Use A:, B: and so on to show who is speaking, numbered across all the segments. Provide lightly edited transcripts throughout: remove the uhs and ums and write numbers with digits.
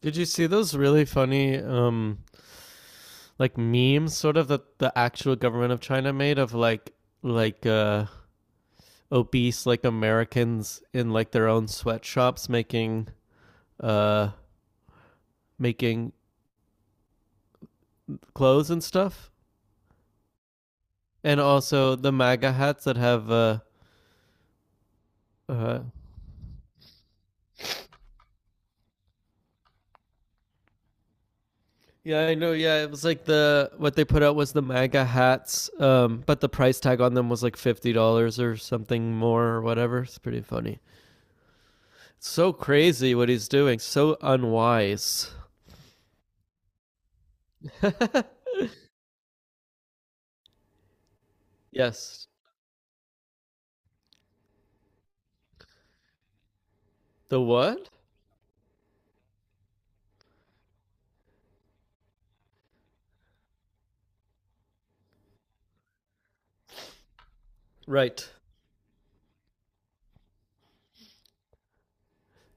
A: Did you see those really funny like memes sort of that the actual government of China made of like obese like Americans in like their own sweatshops making uh making clothes and stuff? And also the MAGA hats that have uh yeah, I know. Yeah, it was like the what they put out was the MAGA hats, but the price tag on them was like $50 or something more or whatever. It's pretty funny. So crazy what he's doing. So unwise. Yes. The what? Right.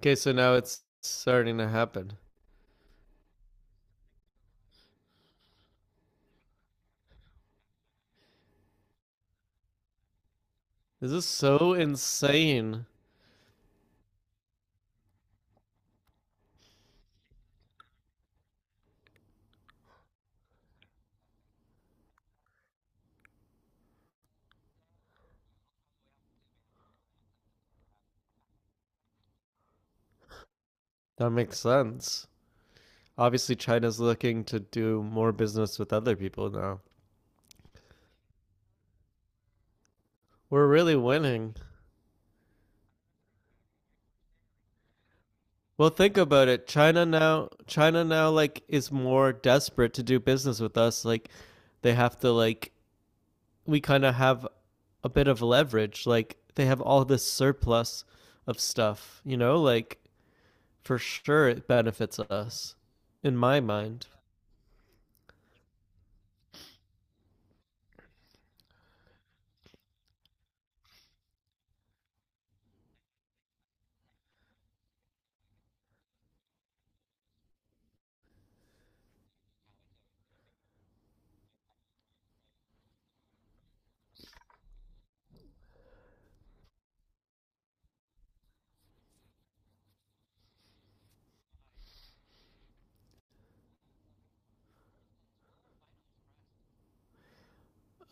A: Okay, so now it's starting to happen. This is so insane. That makes sense. Obviously, China's looking to do more business with other people now. We're really winning. Well, think about it. China now, like, is more desperate to do business with us. Like, they have to like we kind of have a bit of leverage. Like they have all this surplus of stuff, like for sure it benefits us in my mind.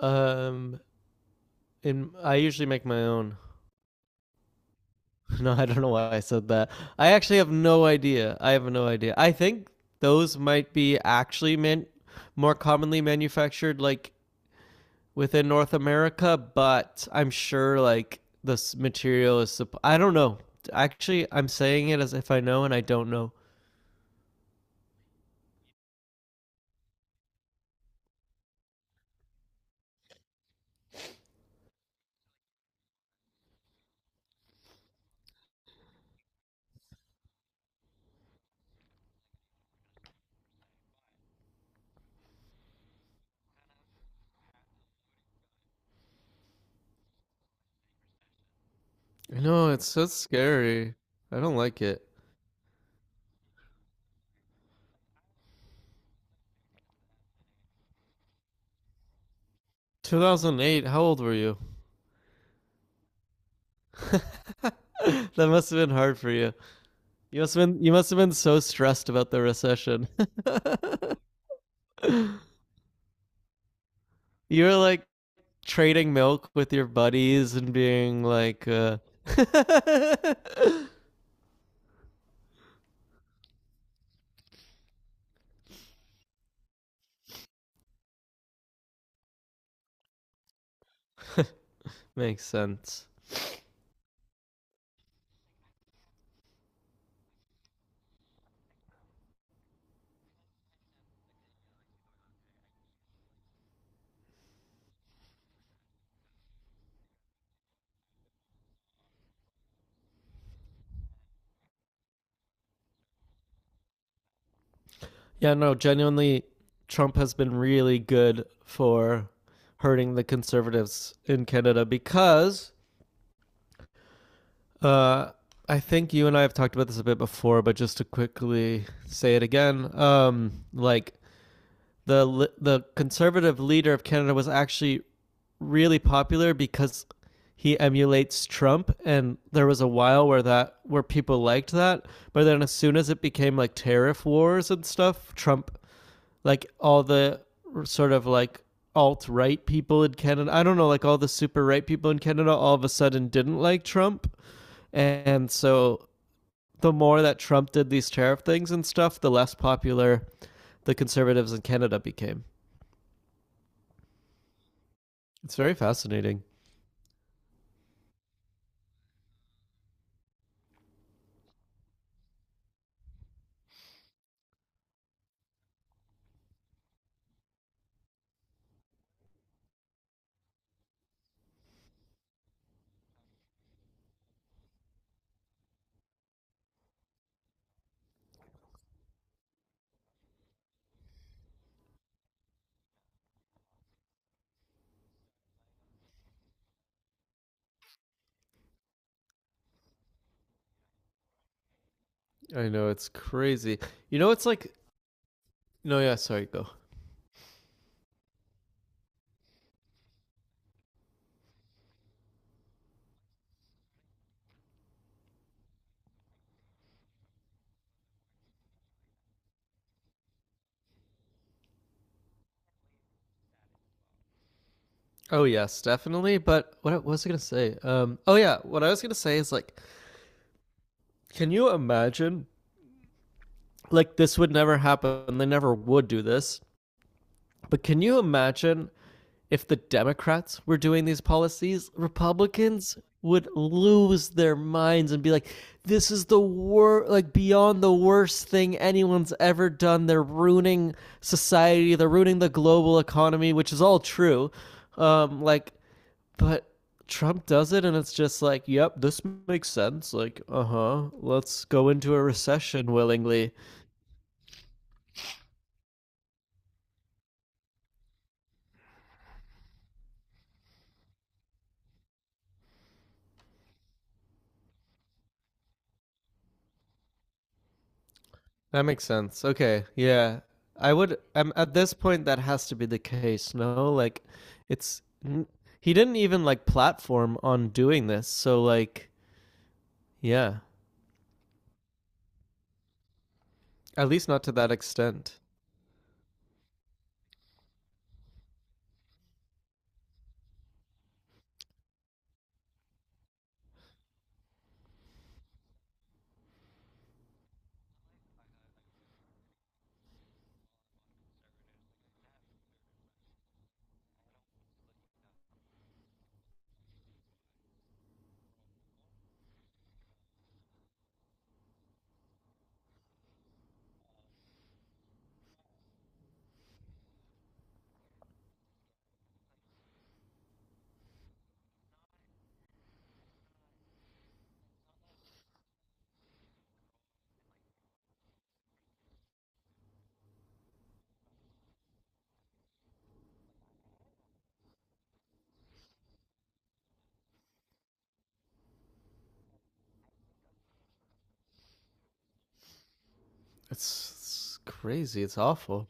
A: Um in I usually make my own. No, I don't know why I said that. I actually have no idea. I have no idea. I think those might be actually meant more commonly manufactured like within North America, but I'm sure like this material is. I don't know. Actually, I'm saying it as if I know, and I don't know. I know it's so scary. I don't like it. 2008. How old were you? That must have been hard for you. You must have been. You must have been so stressed about the recession. You were like trading milk with your buddies and being like, Makes sense. Yeah, no, genuinely, Trump has been really good for hurting the conservatives in Canada because uh, I think you and I have talked about this a bit before, but just to quickly say it again, like the the conservative leader of Canada was actually really popular because he emulates Trump, and there was a while where that where people liked that, but then as soon as it became like tariff wars and stuff, Trump, like all the sort of like alt right people in Canada. I don't know, like all the super right people in Canada all of a sudden didn't like Trump. And so the more that Trump did these tariff things and stuff, the less popular the conservatives in Canada became. It's very fascinating. I know it's crazy. You know, it's like no, yeah, sorry, go. Oh yes, definitely. But what was I gonna say? Oh yeah, what I was gonna say is like, can you imagine? Like this would never happen. They never would do this. But can you imagine if the Democrats were doing these policies? Republicans would lose their minds and be like, this is the wor like beyond the worst thing anyone's ever done. They're ruining society, they're ruining the global economy, which is all true. Like, but Trump does it and it's just like, yep, this makes sense. Like, uh huh, let's go into a recession willingly. That makes sense. Okay. Yeah. I would, at this point that has to be the case, no? Like it's he didn't even like platform on doing this. So like yeah, at least not to that extent. It's crazy. It's awful.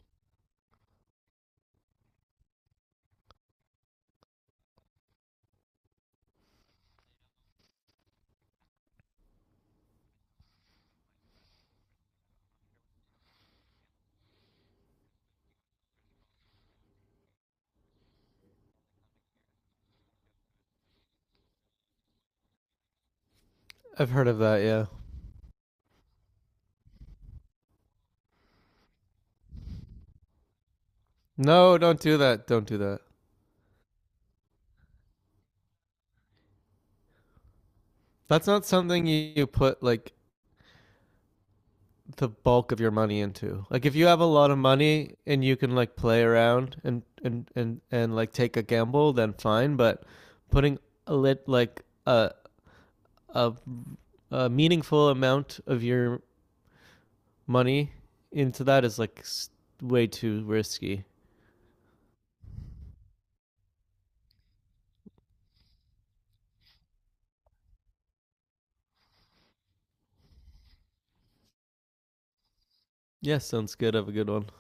A: I've heard of that, yeah. No, don't do that. Don't do that. That's not something you put like the bulk of your money into. Like if you have a lot of money and you can like play around and like take a gamble, then fine. But putting a lit like a, a meaningful amount of your money into that is like way too risky. Yes, sounds good. Have a good one.